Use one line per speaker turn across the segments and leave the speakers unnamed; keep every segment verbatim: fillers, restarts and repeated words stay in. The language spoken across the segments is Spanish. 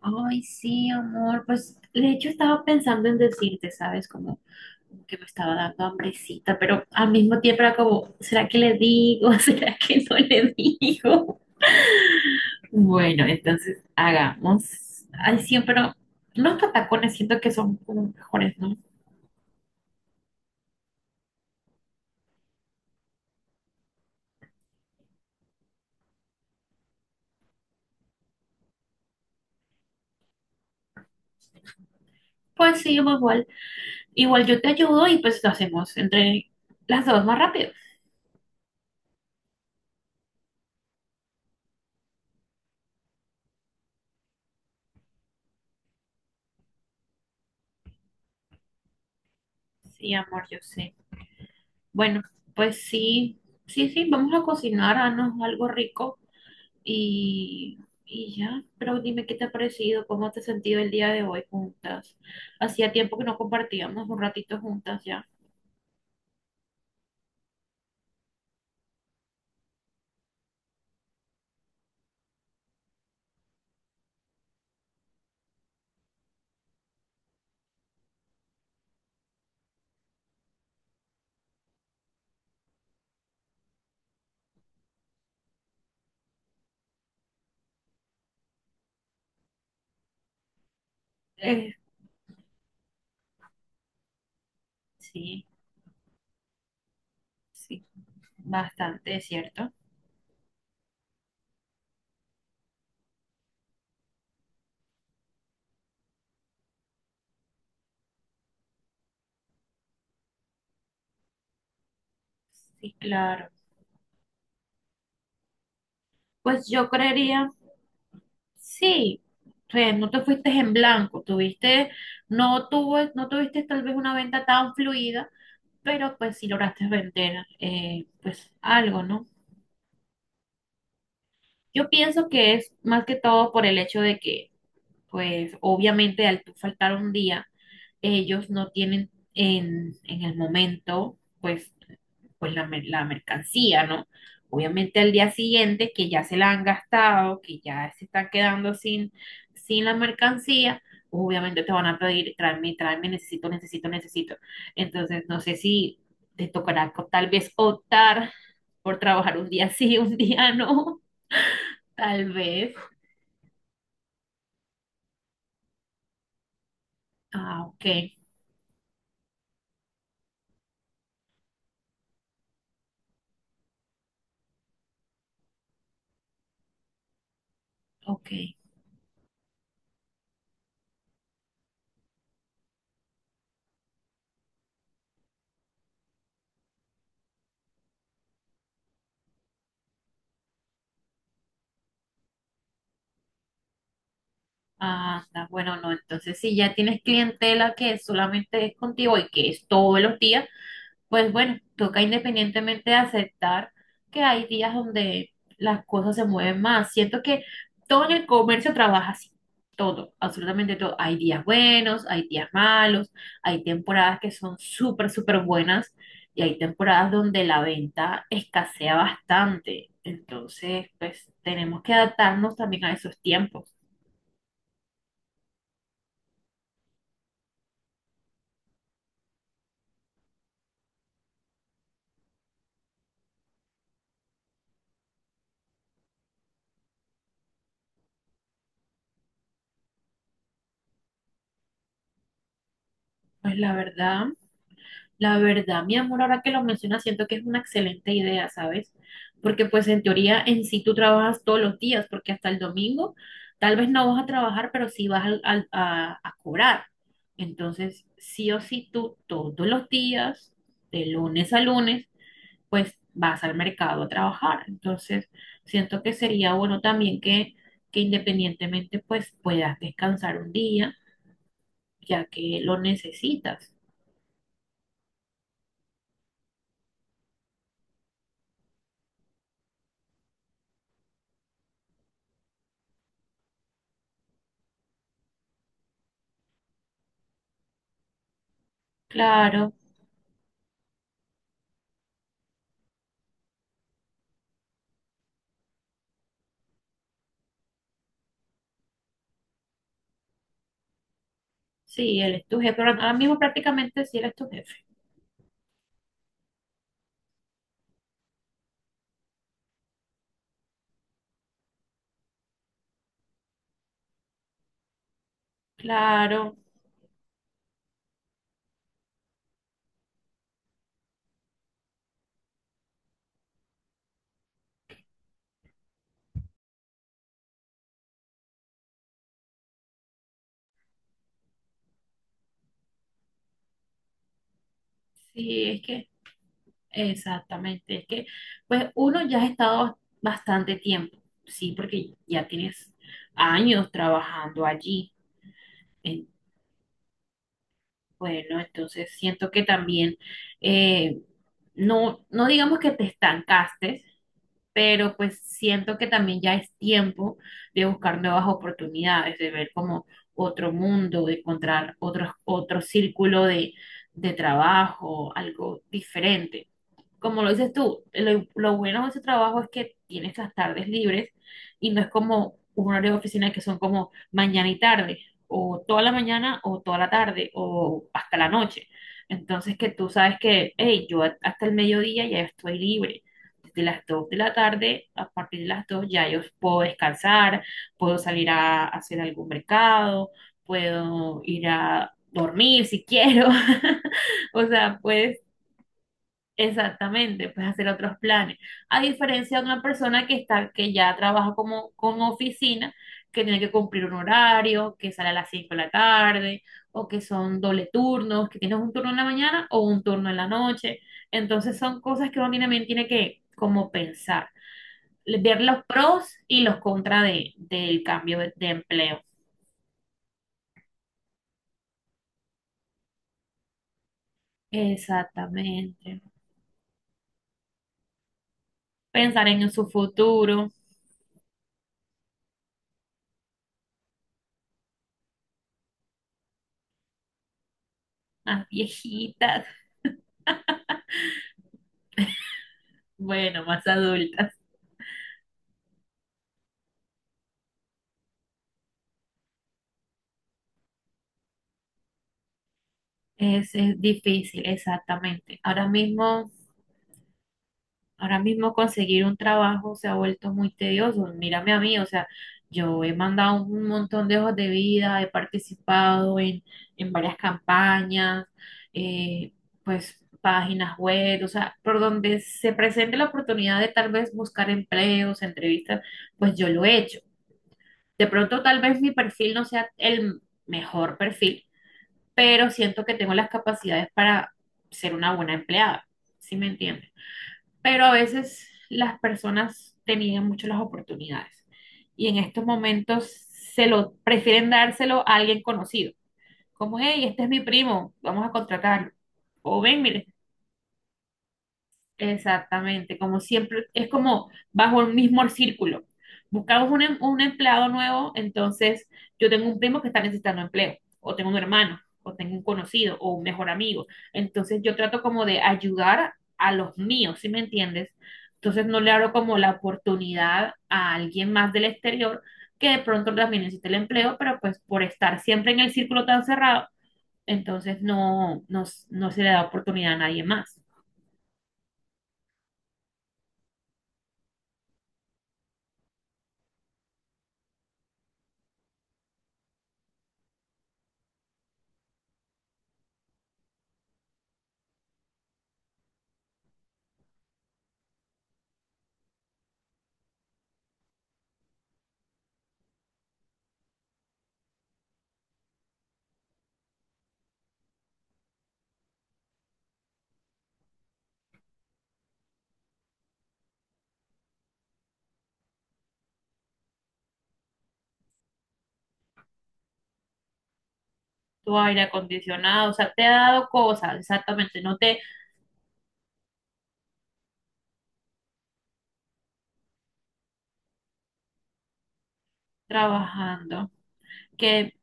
Ay, sí, amor. Pues de hecho estaba pensando en decirte, ¿sabes? Como, como que me estaba dando hambrecita, pero al mismo tiempo era como, ¿será que le digo? ¿Será que no le digo? Bueno, entonces hagamos. Ay, sí, pero los patacones siento que son como mejores, ¿no? Pues sí, amor, igual. Igual yo te ayudo y pues lo hacemos entre las dos más rápido. Sí, amor, yo sé. Bueno, pues sí, sí, sí, vamos a cocinarnos algo rico. Y, y ya, pero dime qué te ha parecido, cómo te has sentido el día de hoy juntas. Hacía tiempo que no compartíamos un ratito juntas ya. Eh, Sí, sí, bastante, es ¿cierto? Sí, claro. Pues yo creería, sí, o sea, no te fuiste en blanco, tuviste, no tuvo, no tuviste tal vez una venta tan fluida, pero pues sí lograste vender, eh, pues algo, ¿no? Yo pienso que es más que todo por el hecho de que pues obviamente al tú faltar un día, ellos no tienen en, en el momento, pues, pues la, mer- la mercancía, ¿no? Obviamente al día siguiente, que ya se la han gastado, que ya se están quedando sin, sin la mercancía, obviamente te van a pedir, tráeme, tráeme, necesito, necesito, necesito. Entonces, no sé si te tocará co- tal vez optar por trabajar un día sí, un día no, tal vez. Ah, ok, ok. Anda, bueno, no, entonces si ya tienes clientela que solamente es contigo y que es todos los días, pues bueno, toca independientemente aceptar que hay días donde las cosas se mueven más. Siento que todo en el comercio trabaja así, todo, absolutamente todo. Hay días buenos, hay días malos, hay temporadas que son súper, súper buenas y hay temporadas donde la venta escasea bastante. Entonces, pues tenemos que adaptarnos también a esos tiempos. Pues la verdad. La verdad, mi amor, ahora que lo mencionas, siento que es una excelente idea, ¿sabes? Porque pues en teoría en sí tú trabajas todos los días, porque hasta el domingo tal vez no vas a trabajar, pero sí vas al- al- a, a cobrar. Entonces, sí o sí tú todos los días, de lunes a lunes, pues vas al mercado a trabajar. Entonces, siento que sería bueno también que, que independientemente pues puedas descansar un día, ya que lo necesitas. Claro. Sí, él es tu jefe. Ahora ahora mismo prácticamente sí eres tu jefe. Claro, sí, es que, exactamente, es que, pues uno ya ha estado bastante tiempo, sí, porque ya tienes años trabajando allí. En- bueno, entonces siento que también, eh, no, no digamos que te estancaste, pero pues siento que también ya es tiempo de buscar nuevas oportunidades, de ver como otro mundo, de encontrar otro, otro círculo de, de trabajo, algo diferente como lo dices tú, lo, lo bueno de ese trabajo es que tienes las tardes libres y no es como un horario de oficina que son como mañana y tarde, o toda la mañana o toda la tarde o hasta la noche. Entonces que tú sabes que, hey, yo a- hasta el mediodía ya estoy libre. Desde las dos de la tarde, a partir de las dos ya yo puedo descansar, puedo salir a hacer algún mercado, puedo ir a dormir si quiero. O sea, puedes Exactamente, puedes hacer otros planes. A diferencia de una persona que está, que ya trabaja como con oficina, que tiene que cumplir un horario, que sale a las cinco de la tarde, o que son doble turnos, que tienes un turno en la mañana o un turno en la noche. Entonces son cosas que uno también tiene que como pensar, ver los pros y los contras de, del cambio de de empleo. Exactamente. Pensar en su futuro. Las viejitas. Bueno, más adultas. Es, es difícil, exactamente. Ahora mismo, ahora mismo conseguir un trabajo se ha vuelto muy tedioso. Mírame a mí, o sea, yo he mandado un montón de hojas de vida, he participado en, en, varias campañas, eh, pues páginas web, o sea, por donde se presente la oportunidad de tal vez buscar empleos, entrevistas, pues yo lo he hecho. De pronto tal vez mi perfil no sea el mejor perfil, pero siento que tengo las capacidades para ser una buena empleada, ¿sí me entiendes? Pero a veces las personas te niegan mucho las oportunidades y en estos momentos se lo prefieren dárselo a alguien conocido, como, hey, este es mi primo, vamos a contratarlo. O ven, mire, exactamente, como siempre, es como bajo el mismo círculo. Buscamos un, em- un empleado nuevo, entonces yo tengo un primo que está necesitando empleo, o tengo un hermano, o tengo un conocido, o un mejor amigo. Entonces yo trato como de ayudar a los míos, ¿sí me entiendes? Entonces no le abro como la oportunidad a alguien más del exterior que de pronto también necesita el empleo, pero pues por estar siempre en el círculo tan cerrado, entonces no, no, no se le da oportunidad a nadie más. Tu aire acondicionado, o sea, te ha dado cosas, exactamente, no te trabajando, que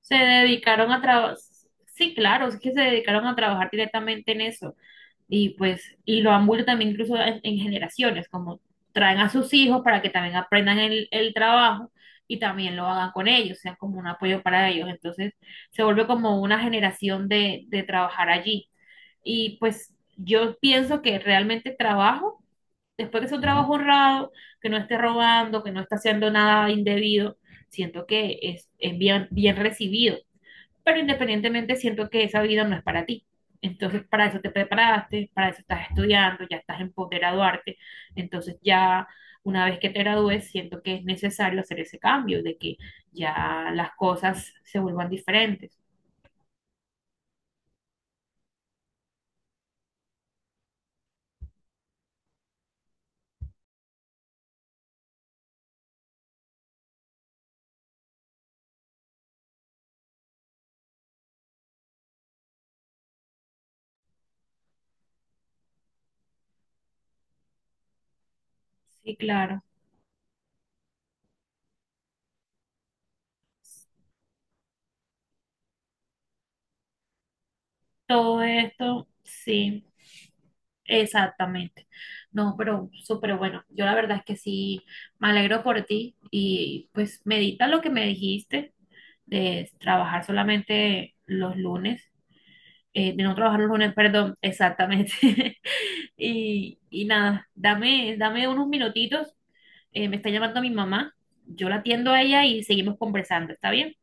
se dedicaron a trabajar, sí, claro, es que se dedicaron a trabajar directamente en eso, y pues, y lo han vuelto también incluso en, en generaciones, como traen a sus hijos para que también aprendan el, el trabajo y también lo hagan con ellos, sean como un apoyo para ellos, entonces se vuelve como una generación de, de trabajar allí, y pues yo pienso que realmente trabajo después que es un trabajo honrado, que no esté robando, que no esté haciendo nada indebido, siento que es, es bien, bien recibido. Pero independientemente siento que esa vida no es para ti. Entonces, para eso te preparaste, para eso estás estudiando, ya estás en poder graduarte. Entonces, ya una vez que te gradúes, siento que es necesario hacer ese cambio, de que ya las cosas se vuelvan diferentes. Sí, claro. Todo esto, sí. Exactamente. No, pero súper bueno. Yo la verdad es que sí, me alegro por ti y pues medita lo que me dijiste de trabajar solamente los lunes, eh, de no trabajar los lunes, perdón, exactamente. Y, y nada, dame, dame unos minutitos. Eh, me está llamando mi mamá. Yo la atiendo a ella y seguimos conversando. ¿Está bien?